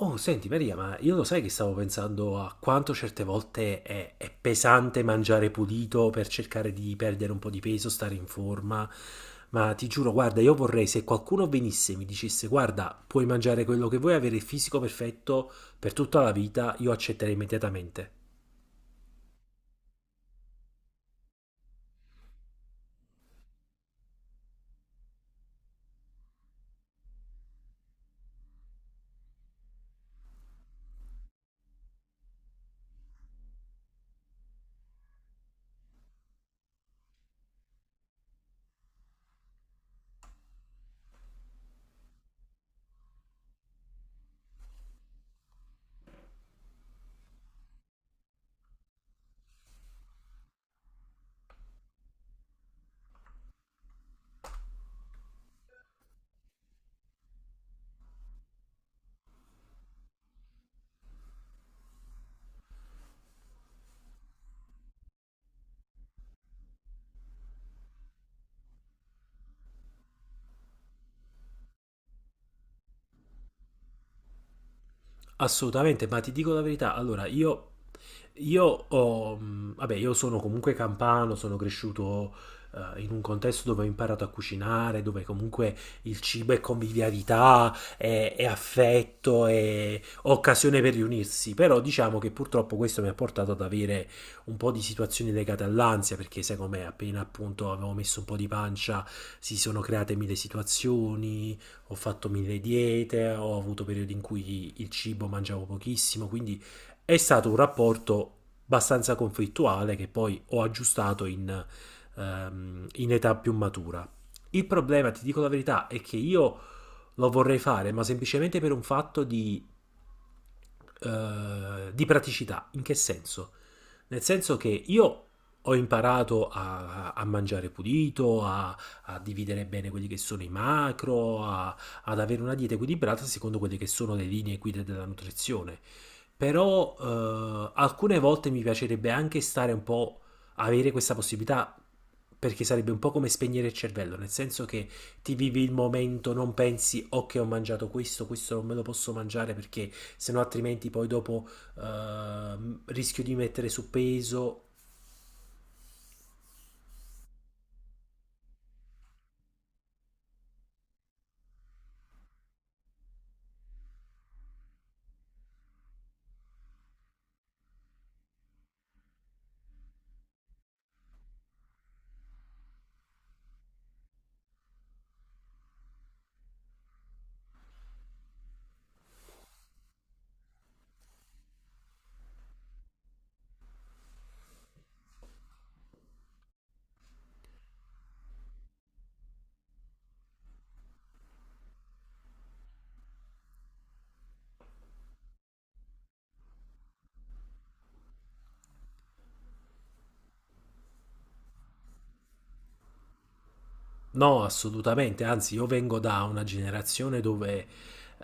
Oh, senti Maria, ma io lo sai che stavo pensando a quanto certe volte è pesante mangiare pulito per cercare di perdere un po' di peso, stare in forma. Ma ti giuro, guarda, io vorrei se qualcuno venisse e mi dicesse, guarda, puoi mangiare quello che vuoi, avere il fisico perfetto per tutta la vita, io accetterei immediatamente. Assolutamente, ma ti dico la verità, allora io ho, vabbè, io sono comunque campano, sono cresciuto in un contesto dove ho imparato a cucinare, dove comunque il cibo è convivialità, è affetto, è occasione per riunirsi, però diciamo che purtroppo questo mi ha portato ad avere un po' di situazioni legate all'ansia, perché secondo me appena appunto avevo messo un po' di pancia si sono create mille situazioni, ho fatto mille diete, ho avuto periodi in cui il cibo mangiavo pochissimo, quindi è stato un rapporto abbastanza conflittuale che poi ho aggiustato in età più matura. Il problema, ti dico la verità, è che io lo vorrei fare, ma semplicemente per un fatto di praticità. In che senso? Nel senso che io ho imparato a mangiare pulito, a, a, dividere bene quelli che sono i macro, a, ad avere una dieta equilibrata secondo quelle che sono le linee guida della nutrizione. Però alcune volte mi piacerebbe anche stare un po', avere questa possibilità, perché sarebbe un po' come spegnere il cervello, nel senso che ti vivi il momento, non pensi ok ho mangiato questo, questo non me lo posso mangiare perché sennò altrimenti poi dopo rischio di mettere su peso. No, assolutamente, anzi io vengo da una generazione dove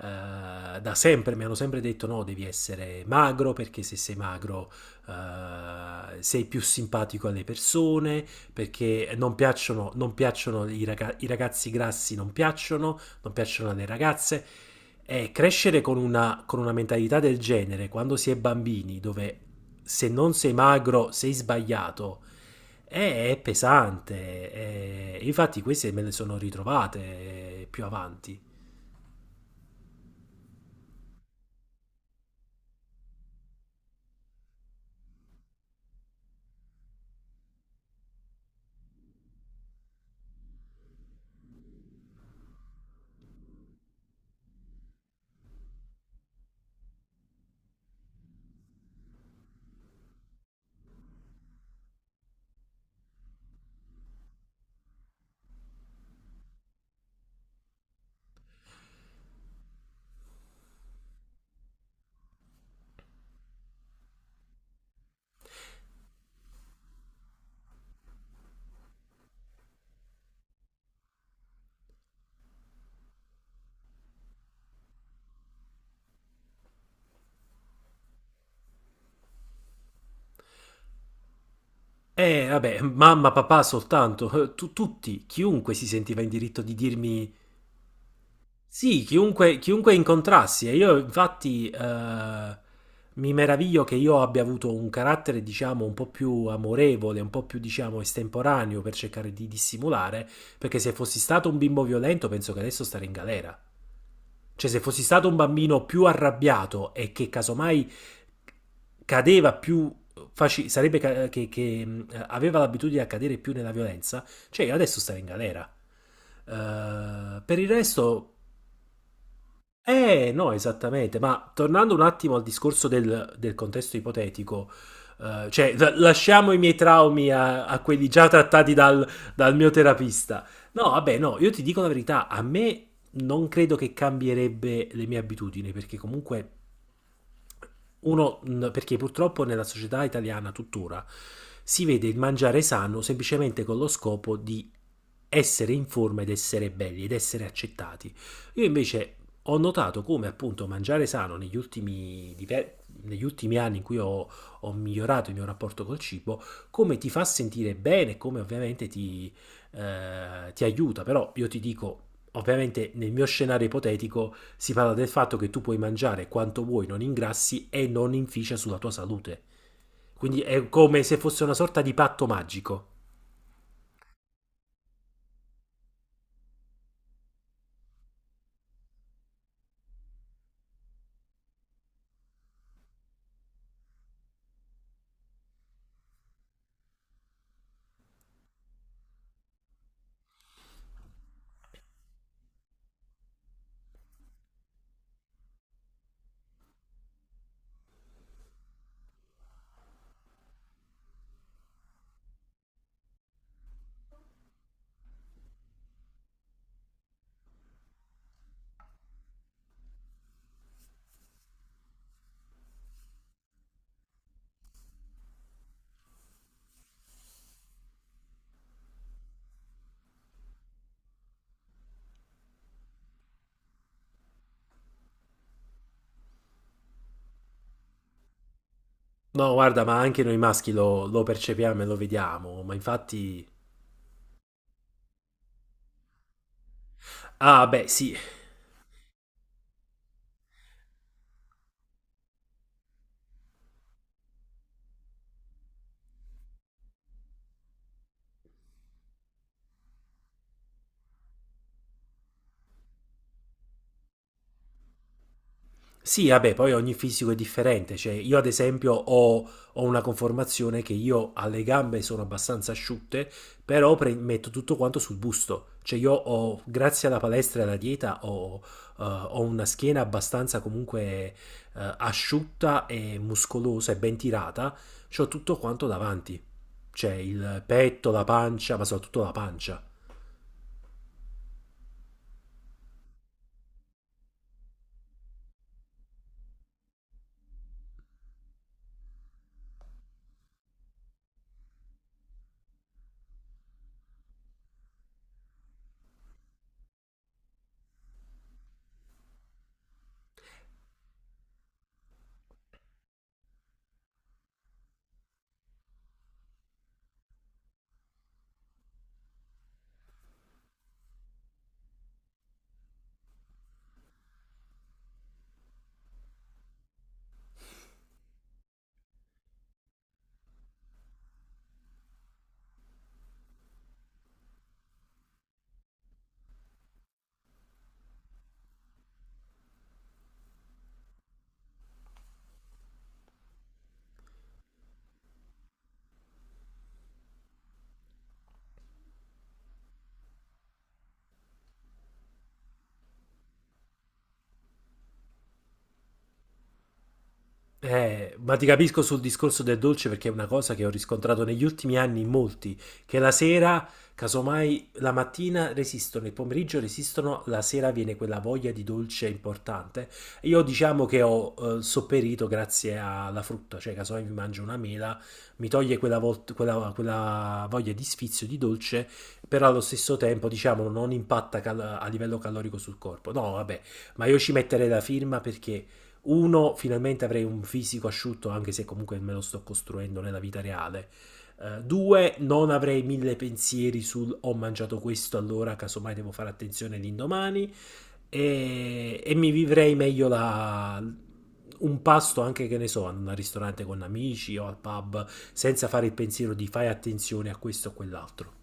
da sempre mi hanno sempre detto no, devi essere magro perché se sei magro sei più simpatico alle persone, perché non piacciono i i ragazzi grassi, non piacciono alle ragazze. E crescere con una mentalità del genere quando si è bambini, dove se non sei magro sei sbagliato è pesante, infatti queste me le sono ritrovate più avanti. E vabbè, mamma, papà soltanto, tutti, chiunque si sentiva in diritto di dirmi sì, chiunque, chiunque incontrassi. E io infatti mi meraviglio che io abbia avuto un carattere, diciamo, un po' più amorevole, un po' più, diciamo, estemporaneo per cercare di dissimulare, perché se fossi stato un bimbo violento penso che adesso starei in galera. Cioè, se fossi stato un bambino più arrabbiato e che casomai cadeva più faci- sarebbe ca- che, aveva l'abitudine a cadere più nella violenza, cioè io adesso stare in galera. Per il resto no, esattamente, ma tornando un attimo al discorso del contesto ipotetico, cioè lasciamo i miei traumi a quelli già trattati dal mio terapista. No, vabbè, no, io ti dico la verità, a me non credo che cambierebbe le mie abitudini, perché comunque uno, perché purtroppo nella società italiana tuttora si vede il mangiare sano semplicemente con lo scopo di essere in forma ed essere belli ed essere accettati. Io invece ho notato come appunto mangiare sano negli negli ultimi anni in cui ho, ho migliorato il mio rapporto col cibo, come ti fa sentire bene, come ovviamente ti, ti aiuta. Però io ti dico, ovviamente nel mio scenario ipotetico, si parla del fatto che tu puoi mangiare quanto vuoi, non ingrassi e non inficia sulla tua salute. Quindi è come se fosse una sorta di patto magico. No, guarda, ma anche noi maschi lo percepiamo e lo vediamo. Ma infatti. Ah, beh, sì. Sì, vabbè, poi ogni fisico è differente, cioè io ad esempio ho, ho una conformazione che io alle gambe sono abbastanza asciutte, però metto tutto quanto sul busto, cioè io ho, grazie alla palestra e alla dieta, ho, ho una schiena abbastanza comunque asciutta e muscolosa e ben tirata, c'ho tutto quanto davanti, cioè il petto, la pancia, ma soprattutto la pancia. Ma ti capisco sul discorso del dolce perché è una cosa che ho riscontrato negli ultimi anni in molti, che la sera, casomai la mattina resistono, il pomeriggio resistono, la sera viene quella voglia di dolce importante. Io diciamo che ho sopperito grazie alla frutta, cioè casomai mi mangio una mela, mi toglie quella voglia di sfizio di dolce, però allo stesso tempo diciamo non impatta a livello calorico sul corpo. No, vabbè, ma io ci metterei la firma perché... Uno, finalmente avrei un fisico asciutto, anche se comunque me lo sto costruendo nella vita reale. Due, non avrei mille pensieri sul ho mangiato questo, allora casomai devo fare attenzione l'indomani. E mi vivrei meglio la, un pasto anche che ne so, in un ristorante con amici o al pub, senza fare il pensiero di fai attenzione a questo o quell'altro.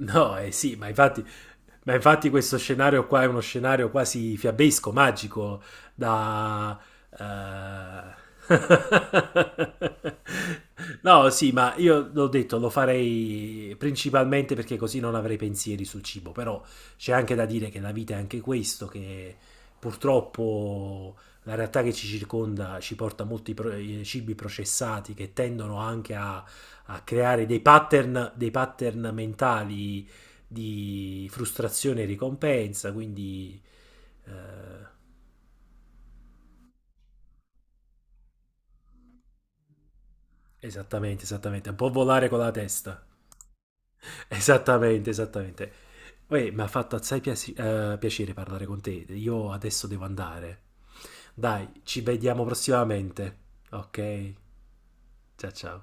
No, eh sì, ma infatti questo scenario qua è uno scenario quasi fiabesco, magico, da... eh, No, sì, ma io l'ho detto, lo farei principalmente perché così non avrei pensieri sul cibo, però c'è anche da dire che la vita è anche questo, che purtroppo la realtà che ci circonda ci porta a molti cibi processati che tendono anche a creare dei pattern mentali di frustrazione e ricompensa, quindi eh, esattamente, esattamente, un po' volare con la testa, esattamente, esattamente. Uè, mi ha fatto assai piacere parlare con te, io adesso devo andare. Dai, ci vediamo prossimamente, ok? Ciao ciao.